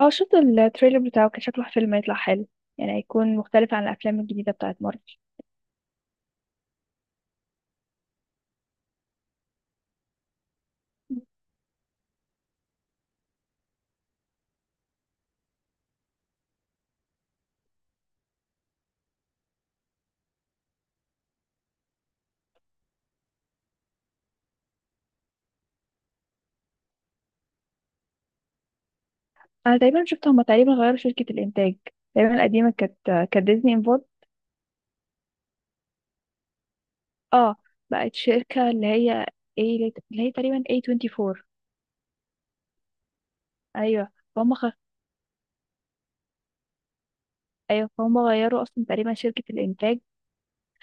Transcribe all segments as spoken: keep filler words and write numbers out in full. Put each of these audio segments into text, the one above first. اه شفت التريلر بتاعه، كان شكله فيلم هيطلع حلو. يعني هيكون مختلف عن الافلام الجديده بتاعت مارفل. انا تقريبا شفت هما تقريبا غيروا شركه الانتاج. تقريبا القديمه كانت كانت ديزني انفولد. اه، بقت شركه اللي هي ايه اللي هي تقريبا إيه توينتي فور. ايوه فهم خ... ايوه، فهم غيروا اصلا تقريبا شركه الانتاج.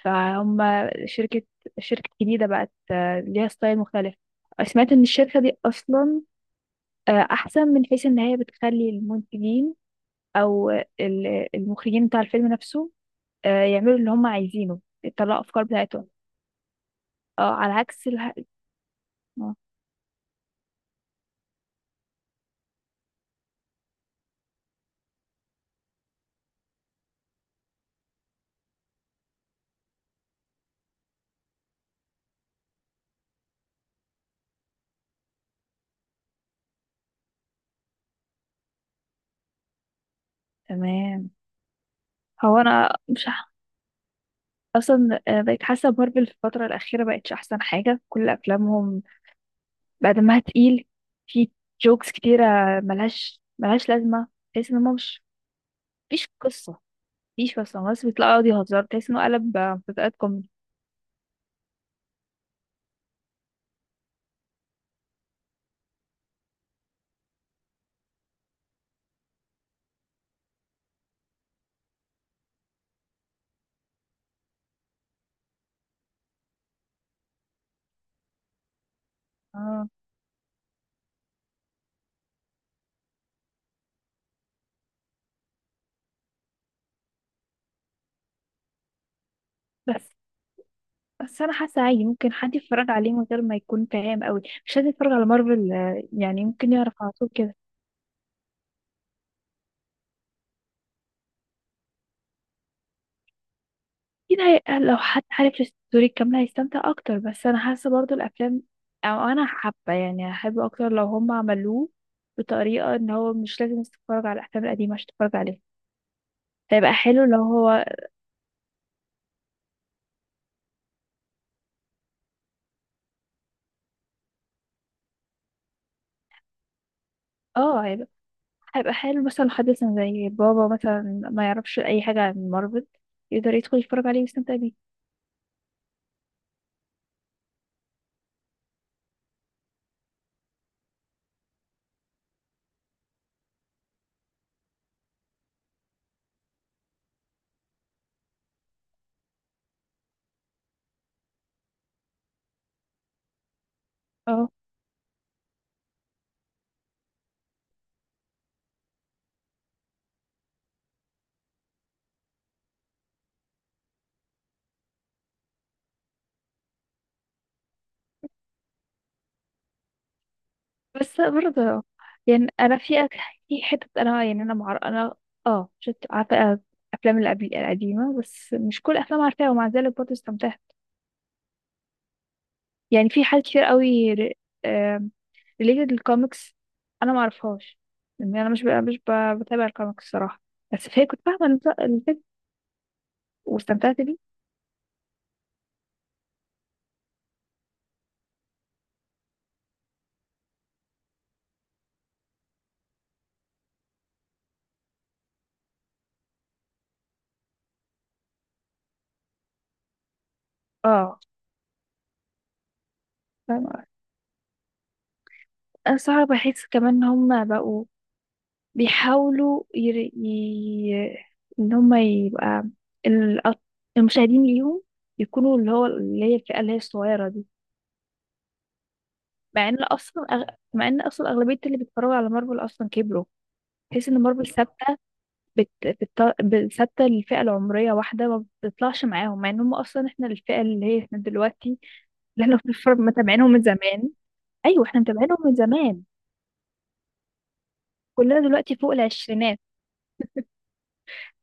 فهم شركه شركه جديده بقت، آه، ليها ستايل مختلف. سمعت ان الشركه دي اصلا آه، احسن من حيث ان هي بتخلي المنتجين او ال- المخرجين بتاع الفيلم نفسه، آه، يعملوا اللي هم عايزينه، يطلعوا افكار بتاعتهم. اه، على عكس الح... آه، تمام. هو انا مش ح- اصلا آه، بقيت حاسه مارفل في الفتره الاخيره بقتش احسن حاجه. كل افلامهم بقى دمها تقيل، في جوكس كتيره ملهاش ملهاش لازمه. تحس ان هم مش، مفيش قصه، مفيش قصه بس بيطلعوا يقعدوا يهزروا، تحس انه قلب آه، مسلسلات كوميدي. اه، بس بس انا حاسه عادي ممكن حد يتفرج عليه من غير ما يكون فاهم قوي، مش لازم يتفرج على مارفل، آه، يعني ممكن يعرف على طول كده. اكيد هي- لو حد عارف الستوري الكامله هيستمتع اكتر، بس انا حاسه برضو الافلام، او انا حابه يعني احب اكتر لو هم عملوه بطريقه ان هو مش لازم تتفرج على الافلام القديمه عشان تتفرج عليه. هيبقى حلو لو هو اه، هيبقى هيبقى حلو مثلا لو حد مثلا زي بابا مثلا ما يعرفش اي حاجه عن مارفل، يقدر يدخل يتفرج عليه ويستمتع بيه. اه، بس برضه يعني انا في أك- في حتة، انا يعني انا معر... انا اه شفت، عارفة افلام القبل القديمة بس مش كل افلام عارفاها، ومع ذلك برضه استمتعت. يعني في حاجات كتير قوي ريليتد للكوميكس انا ما اعرفهاش. يعني انا مش ب... مش ب... بتابع الكوميكس الصراحة، بس هي كنت فاهمة الف- الفيلم واستمتعت بيه. اه، فاهمة. انا صراحة بحس كمان ان هم بقوا بيحاولوا ير... ي... ان هم يبقى، الأط- المشاهدين ليهم يكونوا اللي هو اللي هي الفئة اللي هي الصغيرة دي. مع ان اصلا أغ... مع ان اصلا اغلبية اللي بيتفرجوا على مارفل اصلا كبروا. تحس ان مارفل ثابتة، بت... بت... بت... ثابتة للفئة العمرية واحدة، ما بتطلعش معاهم، مع ان هم اصلا احنا الفئة اللي هي احنا دلوقتي، اللي احنا بنتفرج متابعينهم من زمان. ايوه، احنا متابعينهم من زمان، كلنا دلوقتي فوق العشرينات.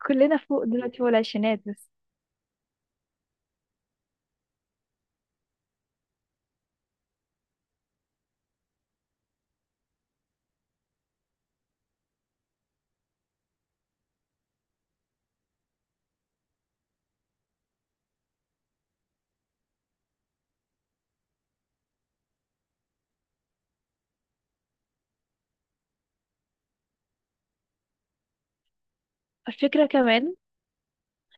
كلنا فوق دلوقتي فوق العشرينات. بس الفكرة كمان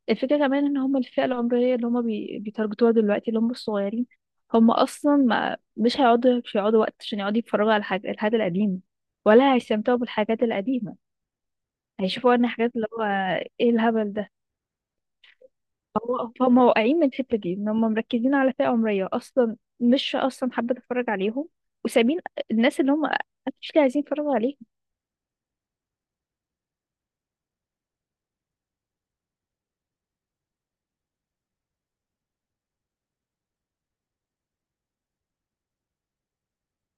الفكرة كمان ان هم الفئة العمرية اللي هم بي... بيتارجتوها دلوقتي اللي هم الصغيرين. هم اصلا ما... مش هيقعدوا، مش هيقعدوا وقت عشان يقعدوا يتفرجوا على الحاجة الحاجة القديمة، ولا هيستمتعوا بالحاجات القديمة. هيشوفوا ان حاجات اللي هو ايه الهبل ده. هو هم واقعين من الحتة دي، ان هم مركزين على فئة عمرية اصلا مش اصلا حابة تتفرج عليهم، وسابين الناس اللي هم actually عايزين يتفرجوا عليهم.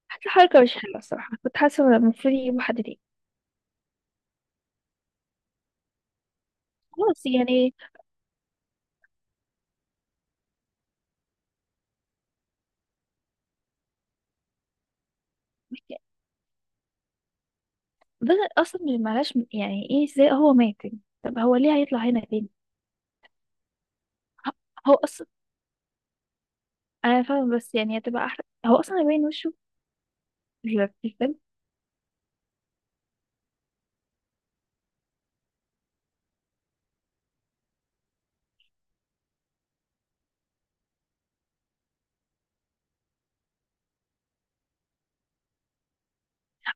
حتى حركة مش حلوة الصراحة، كنت حاسة إن المفروض يجيبوا حد تاني. خلاص يعني، بدأ اصلا من- معلش، يعني ايه، ازاي هو مات يعني؟ طب هو ليه هيطلع هنا تاني؟ هو اصلا انا فاهمه، بس يعني هتبقى احرق هو اصلا يبين وشه في الفيلم.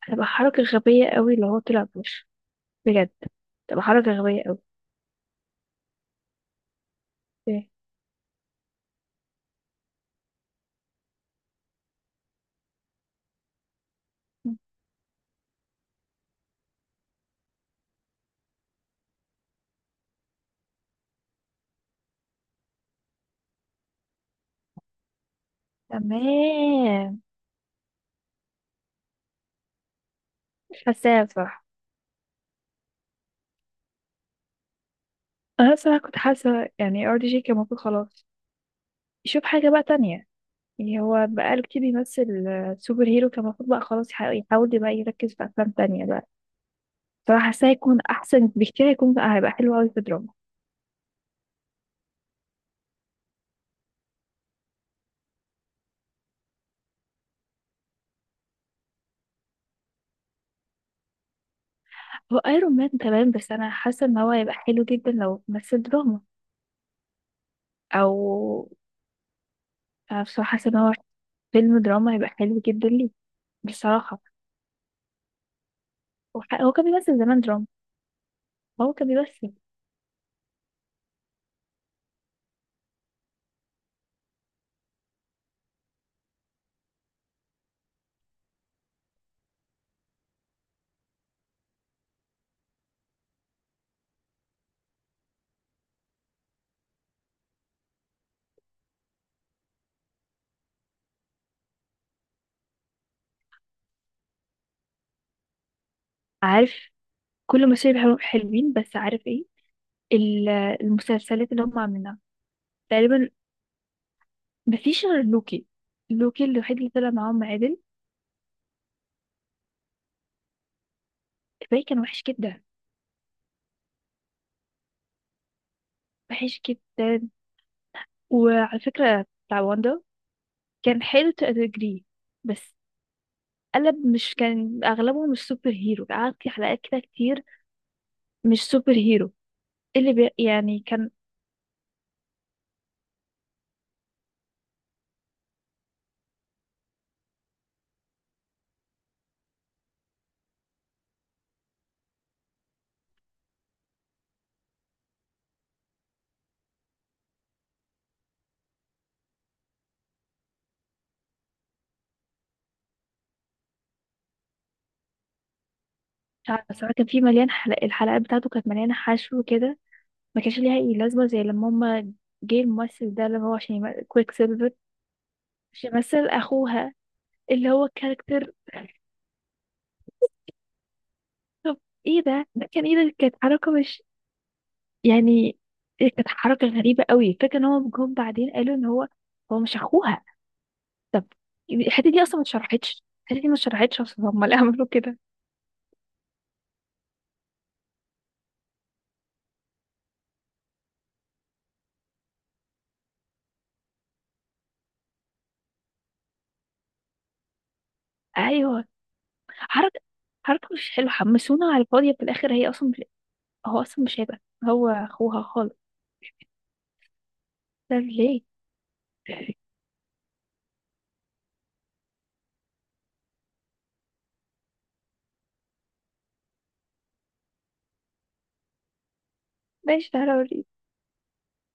هتبقى حركه غبيه قوي اللي هو طلع بوشه، بجد تبقى حركه غبيه قوي. إيه. تمام. حاساها بصراحه. انا بصراحه كنت حاسه يعني ار دي جي كان المفروض خلاص يشوف حاجه بقى تانية. يعني هو بقاله كتير بيمثل آه، سوبر هيرو، كان المفروض بقى خلاص يح- يحاول بقى يركز في افلام تانية بقى. فحاساه هيكون احسن بكتير، هيكون هيبقى حلو قوي في دراما. هو ايرون مان تمام، بس انا حاسه ان هو هيبقى حلو جدا لو مثل دراما، او أنا بصراحه حاسه ان هو فيلم دراما هيبقى حلو جدا ليه بصراحه. وح- هو كان بيمثل زمان دراما، هو كان بيمثل. عارف، كل مشاهد حلو- حلوين، بس عارف ايه ال- المسلسلات اللي هم عاملينها؟ تقريبا مفيش غير لوكي، لوكي الوحيد اللي طلع معاهم عادل، الباقي كان وحش جدا، وحش جدا. وعلى فكره بتاع واندا كان حلو تجريه، بس قلب، مش، كان اغلبه مش سوبر هيرو، قعد في حلقات كده كتير مش سوبر هيرو، اللي بي يعني كان مش عارفة صراحة، كان في مليان حلق الحلقات بتاعته كانت مليانة حشو كده، ما كانش ليها اي لازمة، زي لما هما جه الممثل ده اللي هو عشان يم- كويك سيلفر، عشان يمثل اخوها اللي هو كاركتر. طب ايه ده ده كان ايه ده، كانت حركة مش يعني، إيه، كانت حركة غريبة قوي، فكرة ان هو جم بعدين قالوا ان هو هو مش اخوها. طب الحته دي اصلا ما اتشرحتش، الحته دي ما اتشرحتش اصلا، هم اللي عملوا كده. ايوه، حركه، حركه مش حلوه، حمسونا على الفاضيه، في الاخر هي اصلا، هو اصلا مش هيبقى هو اخوها خالص. ده ليه؟ ماشي، تعالى اوريك.